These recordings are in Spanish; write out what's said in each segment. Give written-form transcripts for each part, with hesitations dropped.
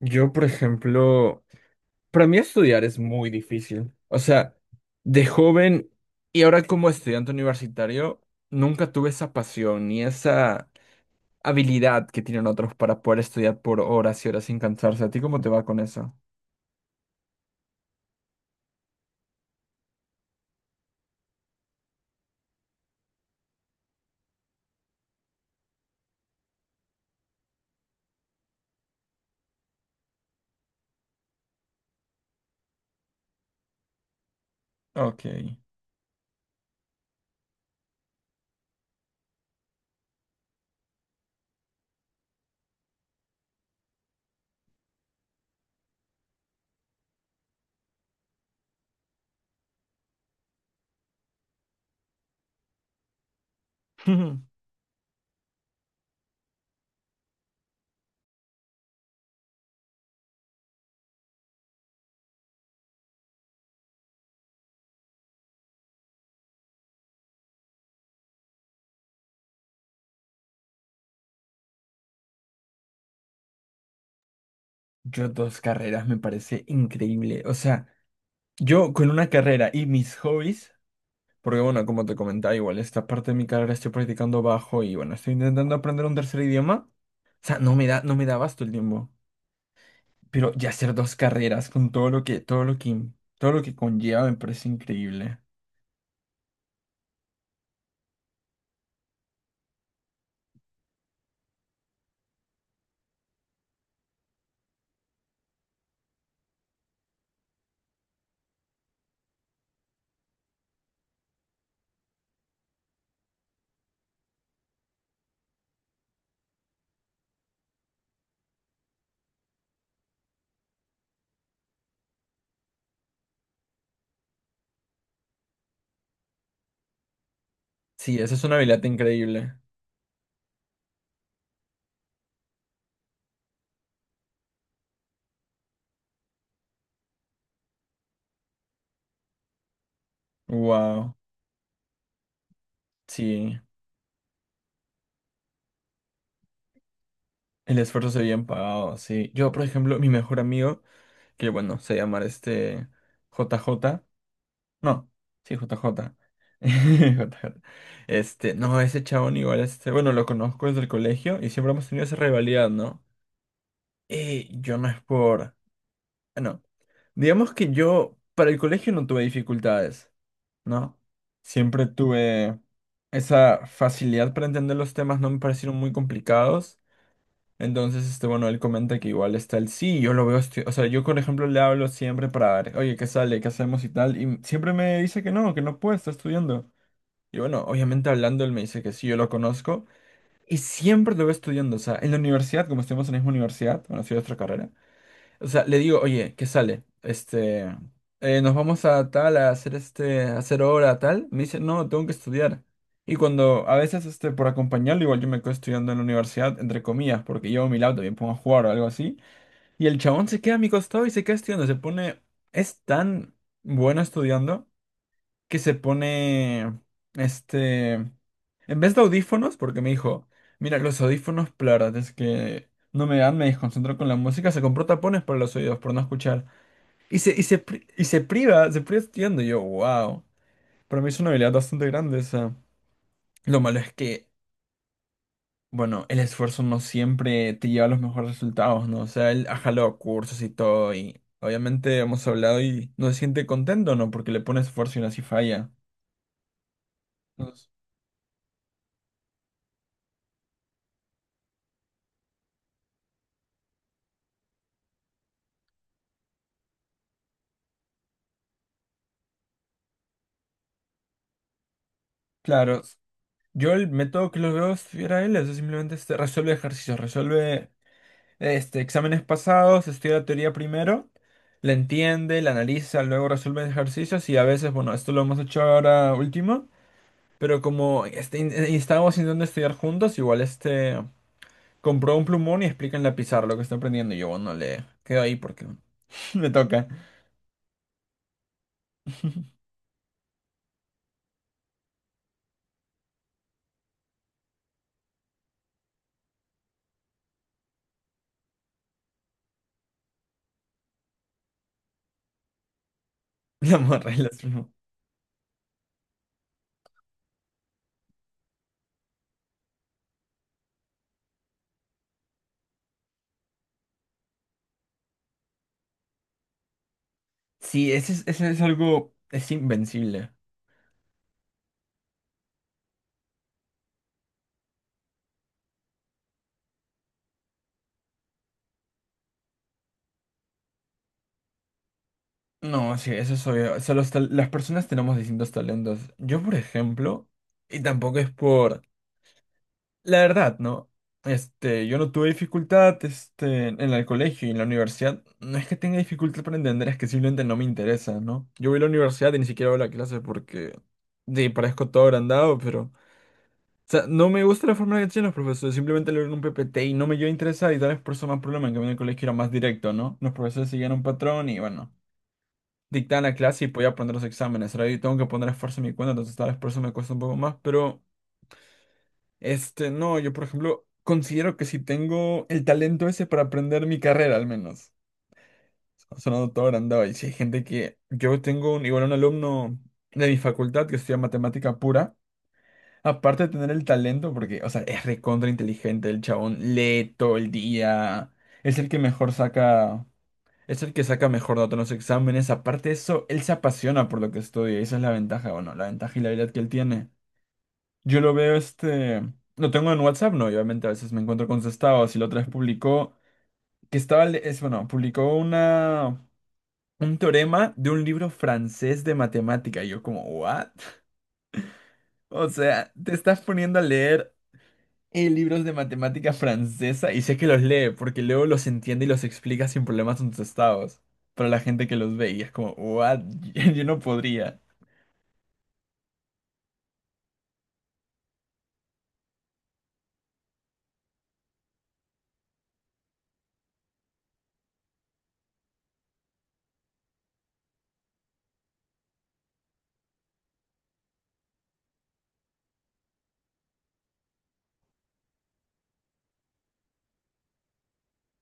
Yo, por ejemplo, para mí estudiar es muy difícil. O sea, de joven y ahora como estudiante universitario, nunca tuve esa pasión ni esa habilidad que tienen otros para poder estudiar por horas y horas sin cansarse. ¿A ti cómo te va con eso? Ok. Yo dos carreras me parece increíble. O sea, yo con una carrera y mis hobbies, porque bueno, como te comentaba, igual esta parte de mi carrera estoy practicando bajo y bueno, estoy intentando aprender un tercer idioma. O sea, no me da abasto el tiempo. Pero ya hacer dos carreras con todo lo que, todo lo que conlleva me parece increíble. Sí, esa es una habilidad increíble. Wow. Sí. El esfuerzo se ve bien pagado, sí. Yo, por ejemplo, mi mejor amigo, que bueno, se llama JJ. No, sí, JJ. JJ. No, ese chabón igual, bueno, lo conozco desde el colegio y siempre hemos tenido esa rivalidad, ¿no? Yo no es por... no. Digamos que yo para el colegio no tuve dificultades, ¿no? Siempre tuve esa facilidad para entender los temas, no me parecieron muy complicados. Entonces, bueno, él comenta que igual está el sí, yo lo veo, o sea, yo por ejemplo le hablo siempre para ver, oye, ¿qué sale? ¿Qué hacemos y tal? Y siempre me dice que no puede, está estudiando. Y bueno, obviamente hablando, él me dice que sí, yo lo conozco. Y siempre lo veo estudiando, o sea, en la universidad, como estuvimos en la misma universidad, bueno, ha sido otra carrera. O sea, le digo, oye, ¿qué sale? Nos vamos a tal, a hacer a hacer hora, tal. Me dice, no, tengo que estudiar. Y cuando, a veces, por acompañarlo, igual yo me quedo estudiando en la universidad, entre comillas, porque llevo mi laptop y me pongo a jugar o algo así. Y el chabón se queda a mi costado y se queda estudiando, se pone, es tan bueno estudiando que se pone, en vez de audífonos, porque me dijo, mira, los audífonos, la verdad es que no me dan, me desconcentro con la música, se compró tapones para los oídos, por no escuchar. Y se priva estudiando, y yo, wow, para mí es una habilidad bastante grande esa. Lo malo es que, bueno, el esfuerzo no siempre te lleva a los mejores resultados, ¿no? O sea, él ha jalado cursos y todo, y obviamente hemos hablado y no se siente contento, ¿no? Porque le pone esfuerzo y aún así falla. Entonces, claro, yo el método que los veo si era él, eso simplemente resuelve ejercicios, resuelve exámenes pasados, estudia la teoría primero, la entiende, la analiza, luego resuelve ejercicios y a veces, bueno, esto lo hemos hecho ahora último, pero como estábamos intentando estudiar juntos, igual compró un plumón y explica en la pizarra lo que está aprendiendo y yo, bueno, le quedo ahí porque me toca la morra y las plumas. Sí, ese es algo, es invencible. No, sí, eso es obvio. O sea, las personas tenemos distintos talentos. Yo, por ejemplo, y tampoco es por... La verdad, ¿no? Yo no tuve dificultad, en el colegio y en la universidad. No es que tenga dificultad para entender, es que simplemente no me interesa, ¿no? Yo voy a la universidad y ni siquiera voy a la clase porque... Sí, parezco todo agrandado, pero... O sea, no me gusta la forma en que tienen los profesores. Simplemente leo en un PPT y no me yo a interesar y tal vez por eso más problema en que a mí en el colegio era más directo, ¿no? Los profesores seguían un patrón y bueno dictar la clase y podía poner los exámenes, ¿verdad? Y tengo que poner esfuerzo en mi cuenta, entonces tal vez por eso me cuesta un poco más, pero no, yo por ejemplo considero que si tengo el talento ese para aprender mi carrera al menos, sonando todo agrandado, y si hay gente que, yo tengo un, igual un alumno de mi facultad que estudia matemática pura, aparte de tener el talento, porque, o sea, es recontra inteligente, el chabón lee todo el día, es el que mejor saca... Es el que saca mejor nota en los exámenes. Aparte de eso, él se apasiona por lo que estudia. Y esa es la ventaja, bueno, la ventaja y la habilidad que él tiene. Yo lo veo, lo tengo en WhatsApp, no, y obviamente a veces me encuentro con sus estados. Y la otra vez publicó... Es, bueno, publicó una... Un teorema de un libro francés de matemática. Y yo como, ¿what? O sea, te estás poniendo a leer libros de matemática francesa y sé que los lee porque luego los entiende y los explica sin problemas en sus estados. Para la gente que los ve y es como, ¿what? Yo no podría.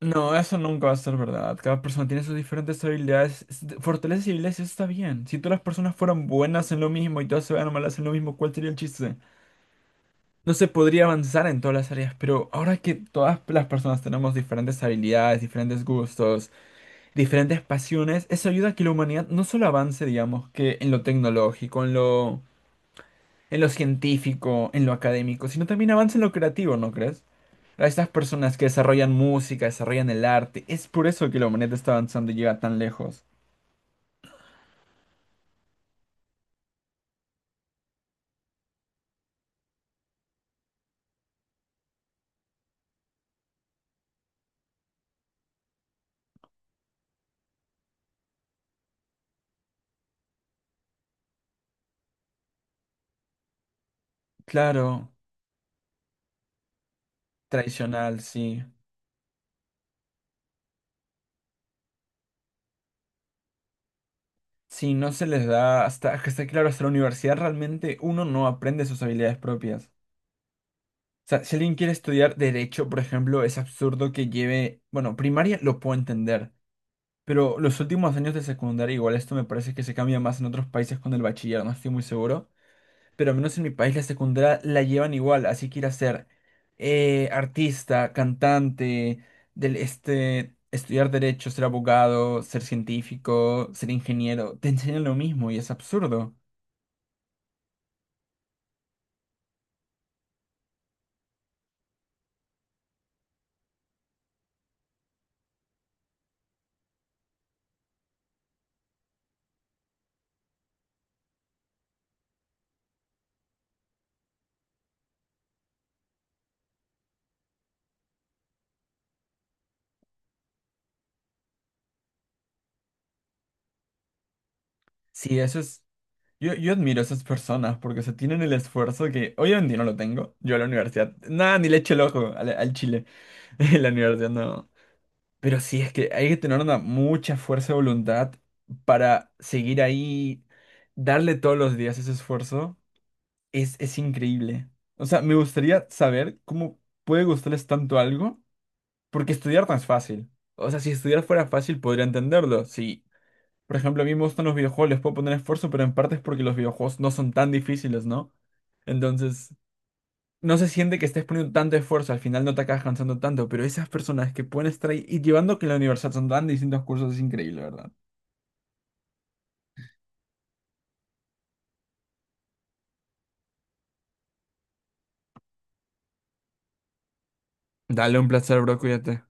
No, eso nunca va a ser verdad. Cada persona tiene sus diferentes habilidades, fortalezas y habilidades, y eso está bien. Si todas las personas fueran buenas en lo mismo y todas se fueran malas en lo mismo, ¿cuál sería el chiste? No se podría avanzar en todas las áreas, pero ahora que todas las personas tenemos diferentes habilidades, diferentes gustos, diferentes pasiones, eso ayuda a que la humanidad no solo avance, digamos, que en lo tecnológico, en lo científico, en lo académico, sino también avance en lo creativo, ¿no crees? A estas personas que desarrollan música, desarrollan el arte, es por eso que la humanidad está avanzando y llega tan lejos. Claro, tradicional, sí. Sí, no se les da hasta, hasta claro, hasta la universidad realmente uno no aprende sus habilidades propias. O sea, si alguien quiere estudiar derecho, por ejemplo, es absurdo que lleve, bueno, primaria lo puedo entender, pero los últimos años de secundaria, igual esto me parece que se cambia más en otros países con el bachiller, no estoy muy seguro. Pero al menos en mi país la secundaria la llevan igual, así que ir a ser artista, cantante, del, estudiar derecho, ser abogado, ser científico, ser ingeniero, te enseñan lo mismo y es absurdo. Sí, eso es... Yo admiro a esas personas porque se tienen el esfuerzo que hoy en día no lo tengo. Yo a la universidad, nada, ni le echo el ojo al Chile. En la universidad no. Pero sí, es que hay que tener una mucha fuerza de voluntad para seguir ahí, darle todos los días ese esfuerzo. Es increíble. O sea, me gustaría saber cómo puede gustarles tanto algo, porque estudiar no es fácil. O sea, si estudiar fuera fácil, podría entenderlo. Si, por ejemplo, a mí me gustan los videojuegos, les puedo poner esfuerzo, pero en parte es porque los videojuegos no son tan difíciles, ¿no? Entonces, no se siente que estés poniendo tanto esfuerzo, al final no te acabas cansando tanto, pero esas personas que pueden estar ahí y llevando que en la universidad son tan distintos cursos es increíble, ¿verdad? Dale un placer, bro, cuídate.